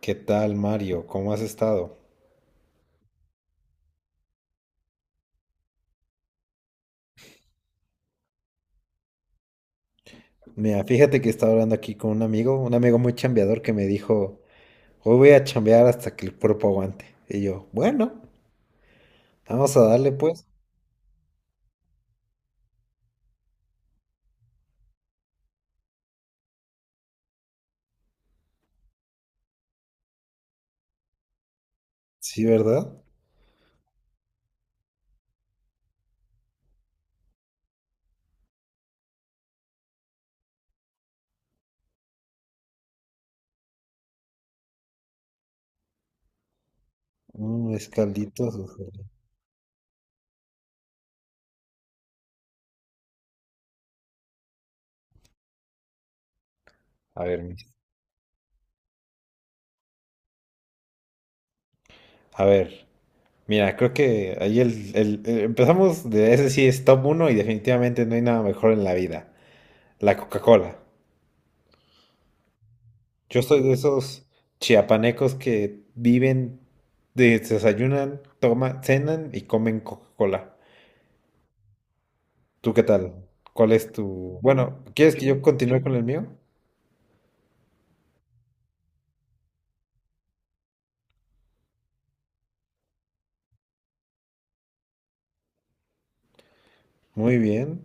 ¿Qué tal, Mario? ¿Cómo has estado? Mira, fíjate que estaba hablando aquí con un amigo muy chambeador que me dijo, hoy voy a chambear hasta que el cuerpo aguante. Y yo, bueno, vamos a darle pues. Sí, ¿verdad? Un escaldito. A ver, mis- a ver. Mira, creo que ahí empezamos de ese sí es top uno y definitivamente no hay nada mejor en la vida. La Coca-Cola. Yo soy de esos chiapanecos que viven, desayunan, toman, cenan y comen Coca-Cola. ¿Tú qué tal? ¿Cuál es tu...? Bueno, ¿quieres que yo continúe con el mío? Muy bien.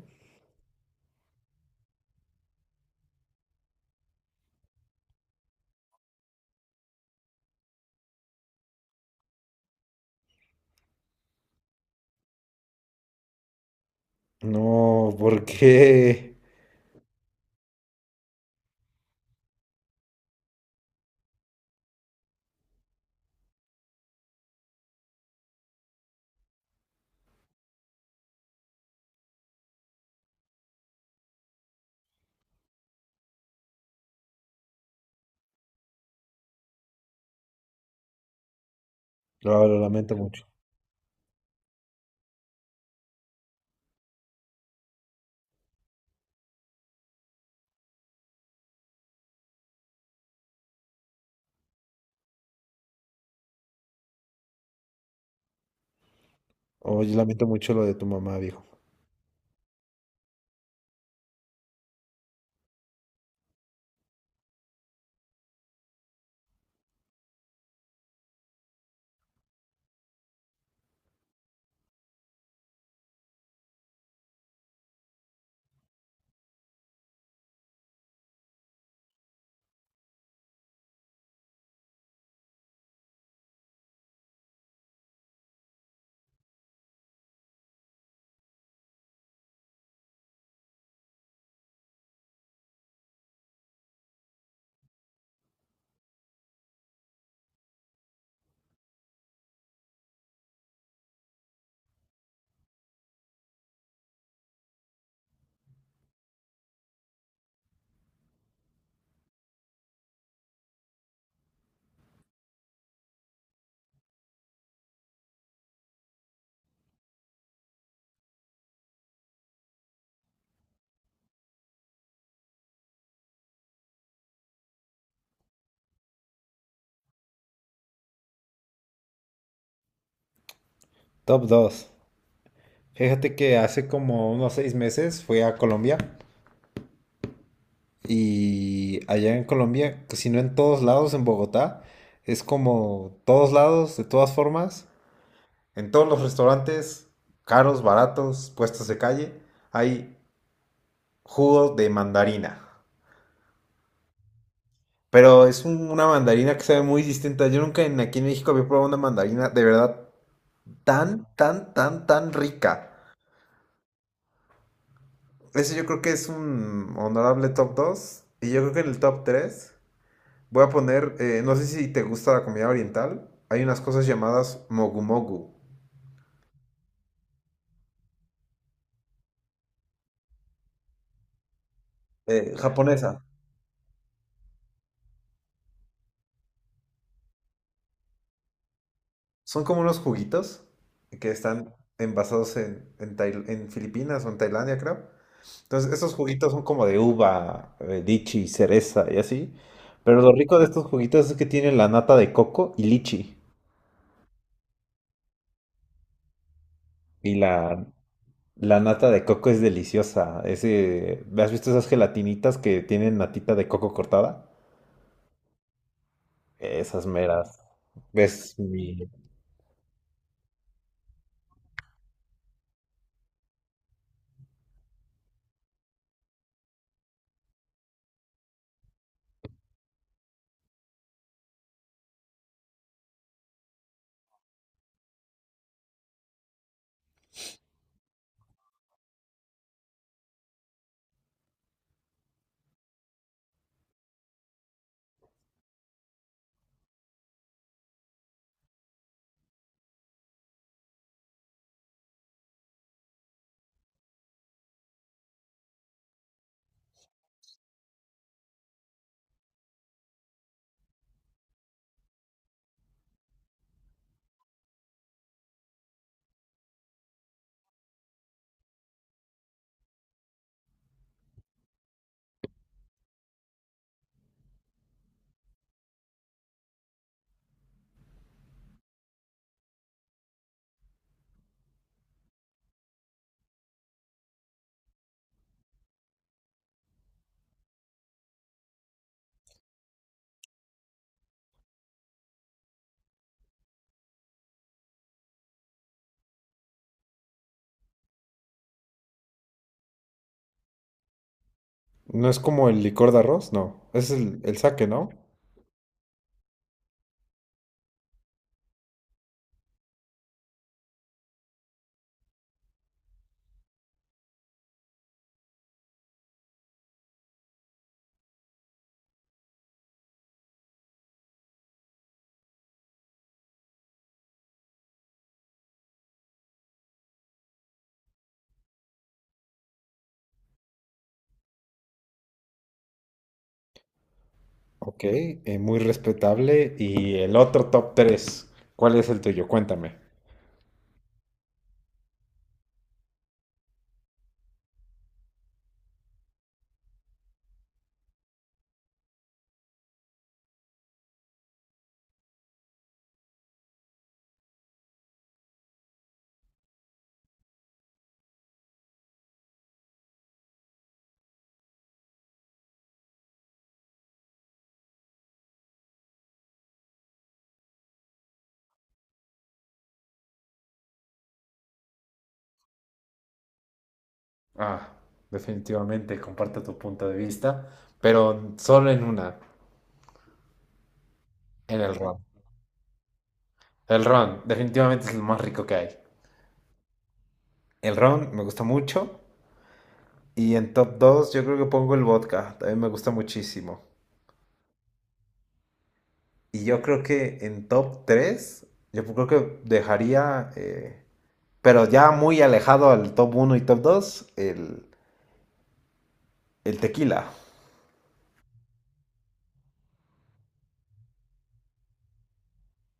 No, ¿por qué? Lo lamento mucho. Oye, lamento mucho lo de tu mamá, viejo. Top 2. Fíjate que hace como unos seis meses fui a Colombia y allá en Colombia, que si no en todos lados, en Bogotá, es como todos lados, de todas formas. En todos los restaurantes, caros, baratos, puestos de calle, hay jugo de mandarina. Pero es una mandarina que sabe muy distinta. Yo nunca aquí en México había probado una mandarina de verdad tan, tan, tan, tan rica. Ese yo creo que es un honorable top 2. Y yo creo que en el top 3 voy a poner, no sé si te gusta la comida oriental, hay unas cosas llamadas mogu mogu. Japonesa. Son como unos juguitos que están envasados en Filipinas o en Tailandia, creo. Entonces, estos juguitos son como de uva, lichi, cereza y así. Pero lo rico de estos juguitos es que tienen la nata de coco y lichi. Y la nata de coco es deliciosa. Ese, ¿has visto esas gelatinitas que tienen natita de coco cortada? Esas meras. ¿Ves? Mi... No es como el licor de arroz, no. Es el sake, ¿no? Ok, muy respetable. Y el otro top 3, ¿cuál es el tuyo? Cuéntame. Ah, definitivamente comparto tu punto de vista, pero solo en una, en el ron. El ron, definitivamente es lo más rico que hay. El ron me gusta mucho. Y en top 2 yo creo que pongo el vodka, también me gusta muchísimo. Y yo creo que en top 3 yo creo que dejaría, pero ya muy alejado al top uno y top 2, el tequila.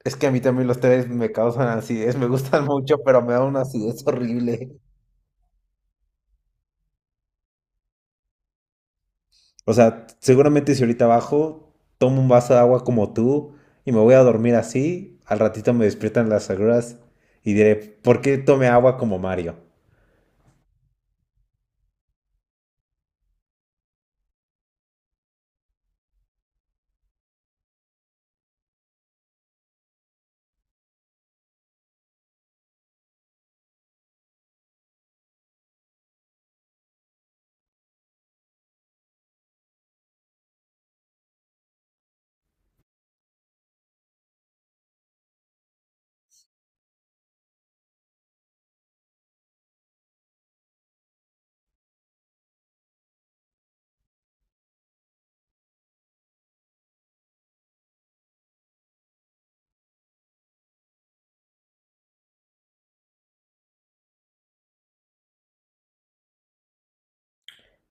Es que a mí también los tés me causan acidez, me gustan mucho, pero me da una acidez horrible. O sea, seguramente si ahorita bajo, tomo un vaso de agua como tú y me voy a dormir así, al ratito me despiertan las agruras y diré, ¿por qué tomé agua como Mario?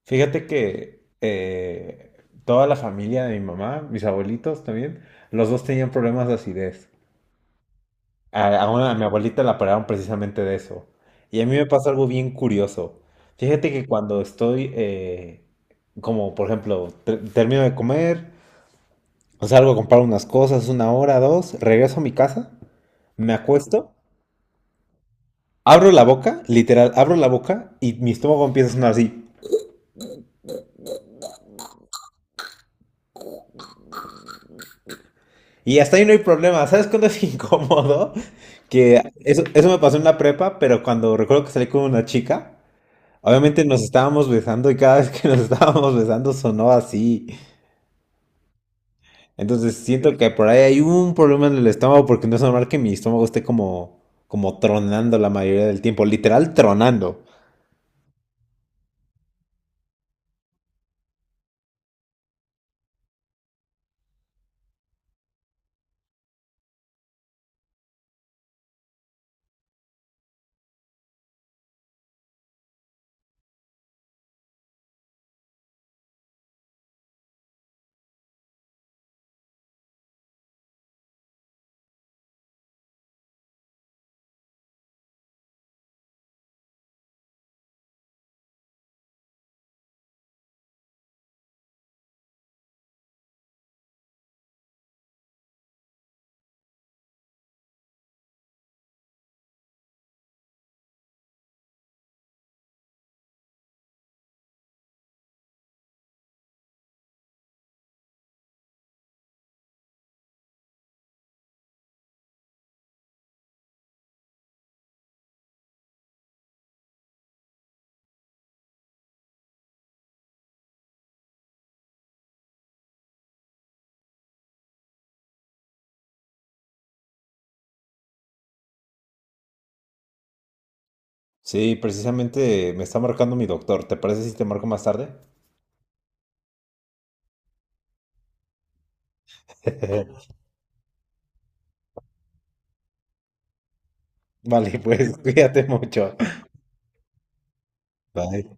Fíjate que toda la familia de mi mamá, mis abuelitos también, los dos tenían problemas de acidez. A mi abuelita la operaron precisamente de eso. Y a mí me pasa algo bien curioso. Fíjate que cuando estoy, como por ejemplo, termino de comer, o salgo a comprar unas cosas, una hora, dos, regreso a mi casa, me acuesto, abro la boca, literal, abro la boca y mi estómago empieza a sonar así. Y hasta ahí no hay problema. ¿Sabes cuándo es incómodo? Que eso me pasó en la prepa, pero cuando recuerdo que salí con una chica. Obviamente nos estábamos besando y cada vez que nos estábamos besando sonó así. Entonces siento que por ahí hay un problema en el estómago porque no es normal que mi estómago esté como, como tronando la mayoría del tiempo, literal tronando. Sí, precisamente me está marcando mi doctor. ¿Te parece si te marco más tarde? Vale, pues cuídate mucho. Bye.